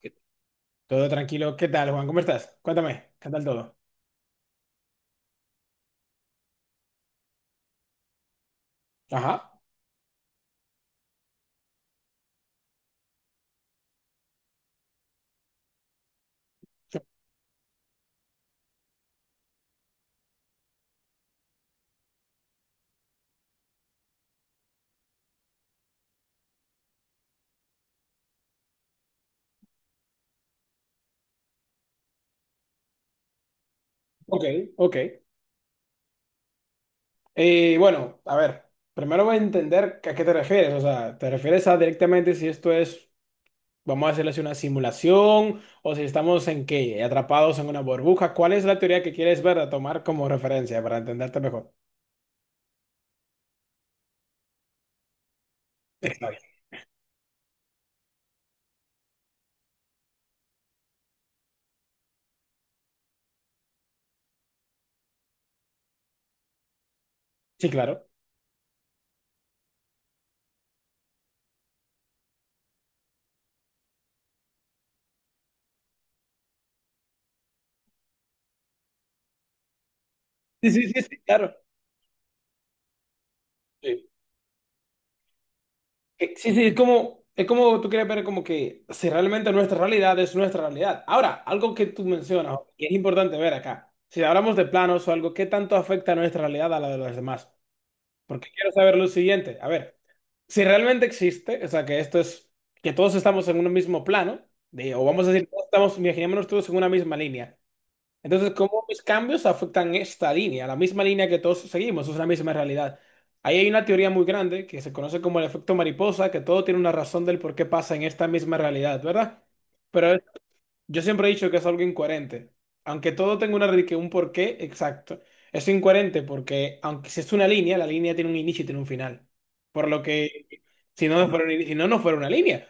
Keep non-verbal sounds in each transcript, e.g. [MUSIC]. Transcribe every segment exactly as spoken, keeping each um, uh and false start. ¿Qué- Todo tranquilo. ¿Qué tal, Juan? ¿Cómo estás? Cuéntame, ¿qué tal todo? Ajá. Ok, ok. Eh, bueno, a ver, primero voy a entender a qué te refieres. O sea, ¿te refieres a directamente si esto es, vamos a decirlo así, una simulación o si estamos en qué, atrapados en una burbuja? ¿Cuál es la teoría que quieres ver a tomar como referencia para entenderte mejor? Está bien. Sí, claro. Sí, sí, sí, sí, claro. Eh, Sí, sí, es como, es como tú quieres ver como que si realmente nuestra realidad es nuestra realidad. Ahora, algo que tú mencionas, y es importante ver acá, si hablamos de planos o algo, ¿qué tanto afecta nuestra realidad a la de los demás? Porque quiero saber lo siguiente, a ver, si realmente existe, o sea, que esto es, que todos estamos en un mismo plano, de- o vamos a decir, todos estamos, imaginémonos todos en una misma línea, entonces, ¿cómo mis cambios afectan esta línea? La misma línea que todos seguimos, es la misma realidad. Ahí hay una teoría muy grande que se conoce como el efecto mariposa, que todo tiene una razón del por qué pasa en esta misma realidad, ¿verdad? Pero yo siempre he dicho que es algo incoherente. Aunque todo tenga una, ri- que un porqué exacto, es incoherente porque, aunque si es una línea, la línea tiene un inicio y tiene un final. Por lo que, si no, no fuera, un ini- si no, no fuera una línea.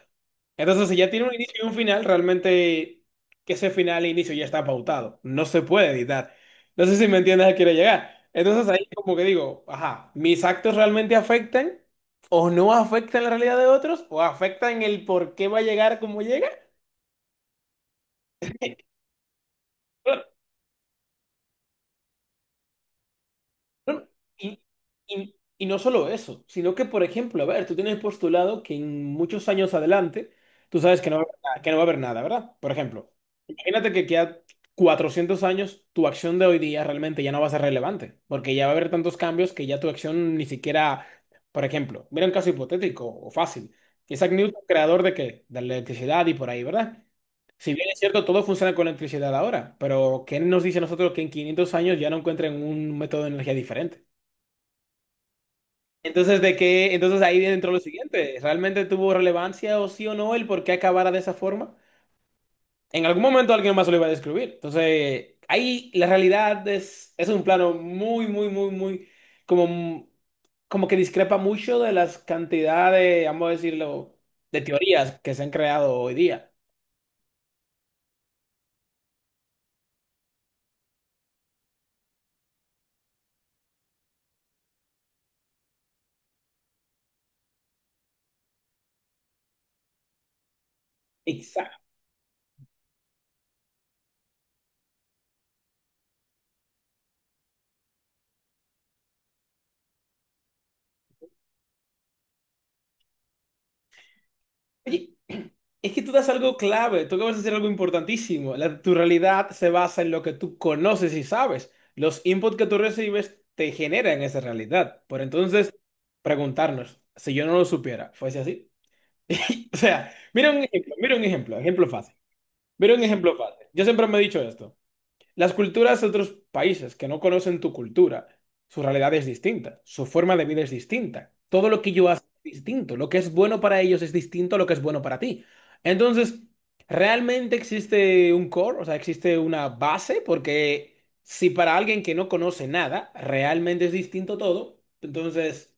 Entonces, si ya tiene un inicio y un final, realmente que ese final e inicio ya está pautado. No se puede editar. No sé si me entiendes a qué quiero llegar. Entonces, ahí como que digo, ajá, ¿mis actos realmente afectan o no afectan la realidad de otros o afectan el por qué va a llegar como llega? No, Y, y- y no solo eso, sino que, por ejemplo, a ver, tú tienes postulado que en muchos años adelante, tú sabes que no va a haber nada, que no va a haber nada, ¿verdad? Por ejemplo, imagínate que queda cuatrocientos años, tu acción de hoy día realmente ya no va a ser relevante, porque ya va a haber tantos cambios que ya tu acción ni siquiera, por ejemplo, mira un caso hipotético o fácil. Isaac Newton, ¿creador de qué? De la electricidad y por ahí, ¿verdad? Si bien es cierto, todo funciona con electricidad ahora, pero ¿qué nos dice a nosotros que en quinientos años ya no encuentren un método de energía diferente? Entonces, ¿de qué? Entonces ahí dentro lo siguiente, ¿realmente tuvo relevancia o sí o no el por qué acabara de esa forma? En algún momento alguien más lo iba a describir. Entonces, ahí la realidad es, es un plano muy, muy, muy, muy, como, como que discrepa mucho de las cantidades, vamos a decirlo, de teorías que se han creado hoy día. Oye, es que tú das algo clave, tú acabas de decir algo importantísimo. La, tu realidad se basa en lo que tú conoces y sabes. Los inputs que tú recibes te generan esa realidad. Por entonces, preguntarnos, si yo no lo supiera, ¿fuese así? [LAUGHS] O sea, mira un ejemplo, mira un ejemplo, ejemplo fácil. Mira un ejemplo fácil. Yo siempre me he dicho esto. Las culturas de otros países que no conocen tu cultura, su realidad es distinta, su forma de vida es distinta, todo lo que yo hago es distinto, lo que es bueno para ellos es distinto a lo que es bueno para ti. Entonces, ¿realmente existe un core? O sea, ¿existe una base? Porque si para alguien que no conoce nada, realmente es distinto todo, entonces,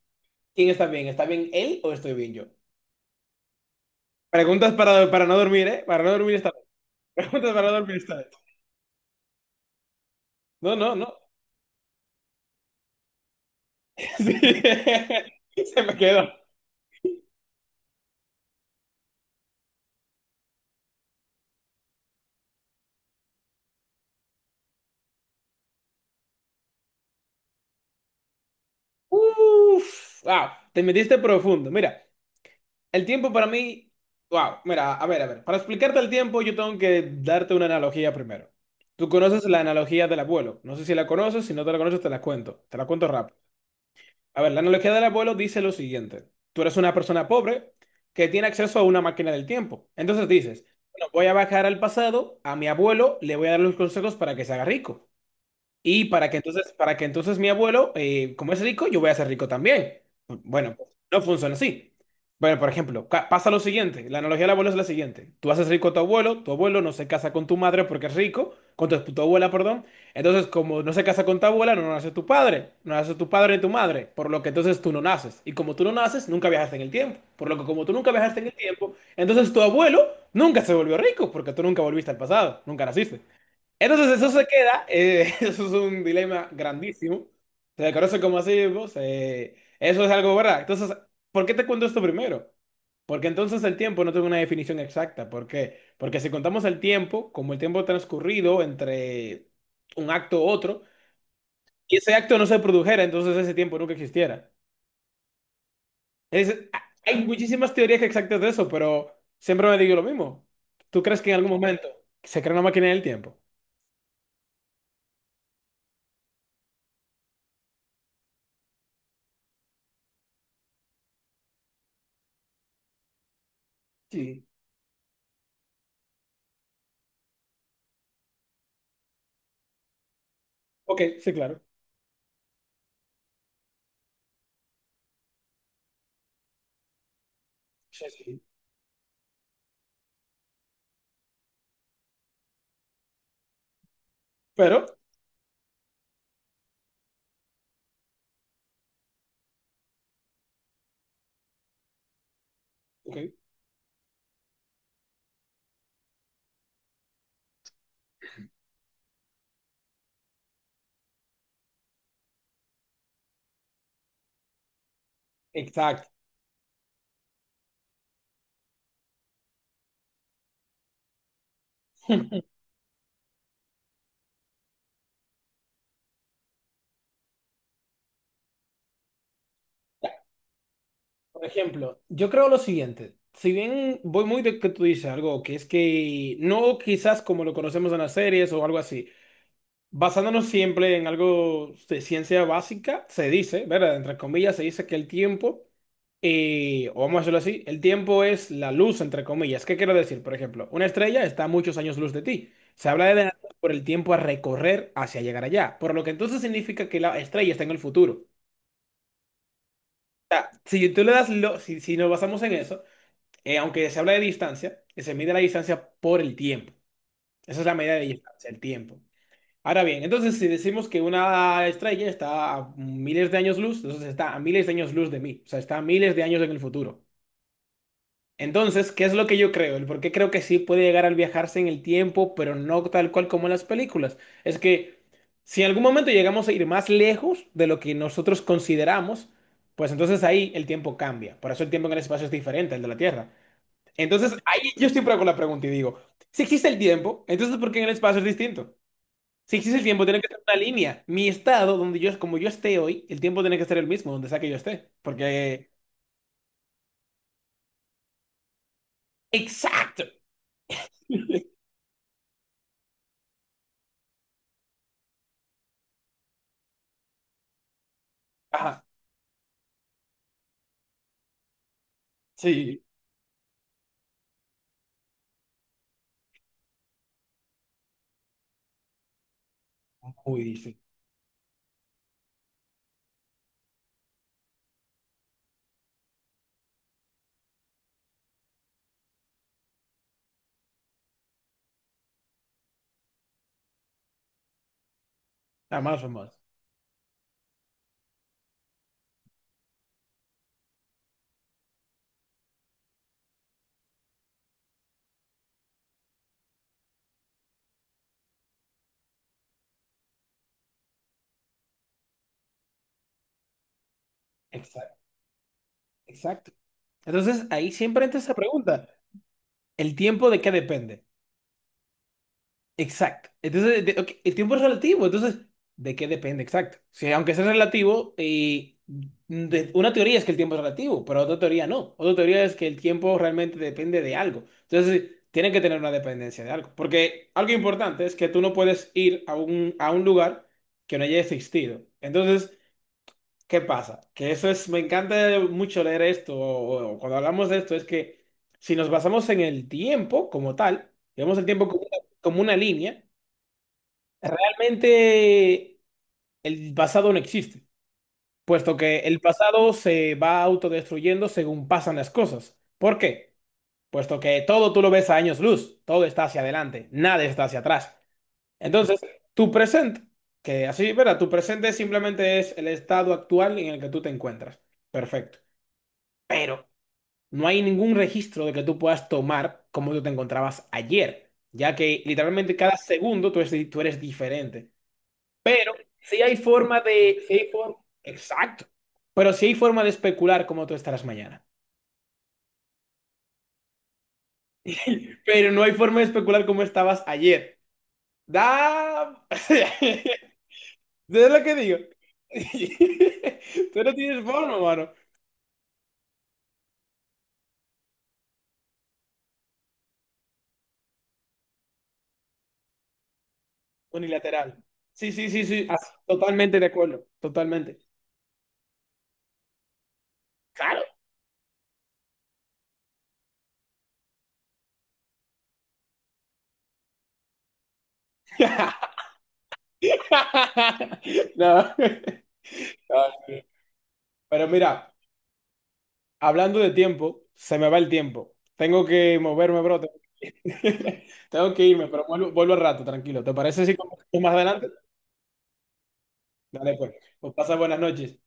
¿quién está bien? ¿Está bien él o estoy bien yo? Preguntas para, para no dormir, ¿eh? Para no dormir esta vez. [LAUGHS] Preguntas para no dormir esta vez. No, no, no. [LAUGHS] Sí. [LAUGHS] Se me quedó. Uf, wow, te metiste profundo. Mira, el tiempo para mí, wow, mira, a ver, a ver, para explicarte el tiempo yo tengo que darte una analogía primero. Tú conoces la analogía del abuelo, no sé si la conoces, si no te la conoces te la cuento, te la cuento rápido. A ver, la analogía del abuelo dice lo siguiente, tú eres una persona pobre que tiene acceso a una máquina del tiempo. Entonces dices, bueno, voy a bajar al pasado, a mi abuelo le voy a dar los consejos para que se haga rico. Y para que entonces, para que entonces mi abuelo, eh, como es rico, yo voy a ser rico también. Bueno, pues, no funciona así. Bueno, por ejemplo, ca- pasa lo siguiente. La analogía del abuelo es la siguiente. Tú haces rico a tu abuelo, tu abuelo no se casa con tu madre porque es rico, con tu, tu abuela, perdón. Entonces, como no se casa con tu abuela, no nace tu padre, no nace tu padre ni tu madre, por lo que entonces tú no naces. Y como tú no naces, nunca viajaste en el tiempo. Por lo que como tú nunca viajaste en el tiempo, entonces tu abuelo nunca se volvió rico porque tú nunca volviste al pasado, nunca naciste. Entonces eso se queda, eh, [LAUGHS] eso es un dilema grandísimo, se le conoce como así, pues, eh, eso es algo verdad. Entonces, ¿por qué te cuento esto primero? Porque entonces el tiempo no tiene una definición exacta. ¿Por qué? Porque si contamos el tiempo como el tiempo transcurrido entre un acto u otro, y ese acto no se produjera, entonces ese tiempo nunca existiera. Es- hay muchísimas teorías exactas de eso, pero siempre me digo lo mismo. ¿Tú crees que en algún momento se crea una máquina del tiempo? Sí. Ok, sí, claro. Sí, sí. Pero, ok, exacto. [LAUGHS] Por ejemplo, yo creo lo siguiente. Si bien voy muy de que tú dices algo, que es que no quizás como lo conocemos en las series o algo así, basándonos siempre en algo de ciencia básica, se dice, ¿verdad? Entre comillas, se dice que el tiempo, eh, o vamos a decirlo así, el tiempo es la luz, entre comillas. ¿Qué quiero decir? Por ejemplo, una estrella está a muchos años luz de ti. Se habla de la- por el tiempo a recorrer hacia llegar allá, por lo que entonces significa que la estrella está en el futuro. Si tú le das, lo- si, si nos basamos en eso, eh, aunque se habla de distancia, se mide la distancia por el tiempo. Esa es la medida de distancia, el tiempo. Ahora bien, entonces si decimos que una estrella está a miles de años luz, entonces está a miles de años luz de mí, o sea, está a miles de años en el futuro. Entonces, ¿qué es lo que yo creo? El por qué creo que sí puede llegar al viajarse en el tiempo, pero no tal cual como en las películas. Es que si en algún momento llegamos a ir más lejos de lo que nosotros consideramos, pues entonces ahí el tiempo cambia. Por eso el tiempo en el espacio es diferente al de la Tierra. Entonces, ahí yo siempre hago la pregunta y digo, si existe el tiempo, entonces ¿por qué en el espacio es distinto? Si existe el tiempo, tiene que ser una línea. Mi estado, donde yo, como yo esté hoy, el tiempo tiene que ser el mismo, donde sea que yo esté. Porque... Exacto. [LAUGHS] Ajá, sí. Muy difícil. Nada más o más. Exacto. Exacto. Entonces, ahí siempre entra esa pregunta. ¿El tiempo de qué depende? Exacto. Entonces, de- ok, el tiempo es relativo. Entonces, ¿de qué depende? Exacto. Sí, aunque sea relativo, y de- una teoría es que el tiempo es relativo, pero otra teoría no. Otra teoría es que el tiempo realmente depende de algo. Entonces, tiene que tener una dependencia de algo. Porque algo importante es que tú no puedes ir a un, a un lugar que no haya existido. Entonces, ¿qué pasa? Que eso es, me encanta mucho leer esto, o, o cuando hablamos de esto, es que si nos basamos en el tiempo como tal, vemos el tiempo como una, como una línea, realmente el pasado no existe, puesto que el pasado se va autodestruyendo según pasan las cosas. ¿Por qué? Puesto que todo tú lo ves a años luz, todo está hacia adelante, nada está hacia atrás. Entonces, tu presente, que así, ¿verdad? Tu presente simplemente es el estado actual en el que tú te encuentras. Perfecto. Pero no hay ningún registro de que tú puedas tomar como tú te encontrabas ayer, ya que literalmente cada segundo tú eres, tú eres diferente. Pero si hay forma de... sí hay for- exacto. Pero si hay forma de especular cómo tú estarás mañana. Pero no hay forma de especular cómo estabas ayer. Da... [LAUGHS] ¿Sabes lo que digo? [LAUGHS] Tú no tienes forma, mano. Unilateral. Sí, sí, sí, sí. As- Totalmente de acuerdo. Totalmente. Claro. [LAUGHS] [LAUGHS] No. No, sí. Pero mira, hablando de tiempo, se me va el tiempo. Tengo que moverme, bro. [LAUGHS] Tengo que irme, pero vuelvo, vuelvo al rato, tranquilo. ¿Te parece si conversamos más adelante? Dale, pues. Pues pasa buenas noches.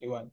Igual.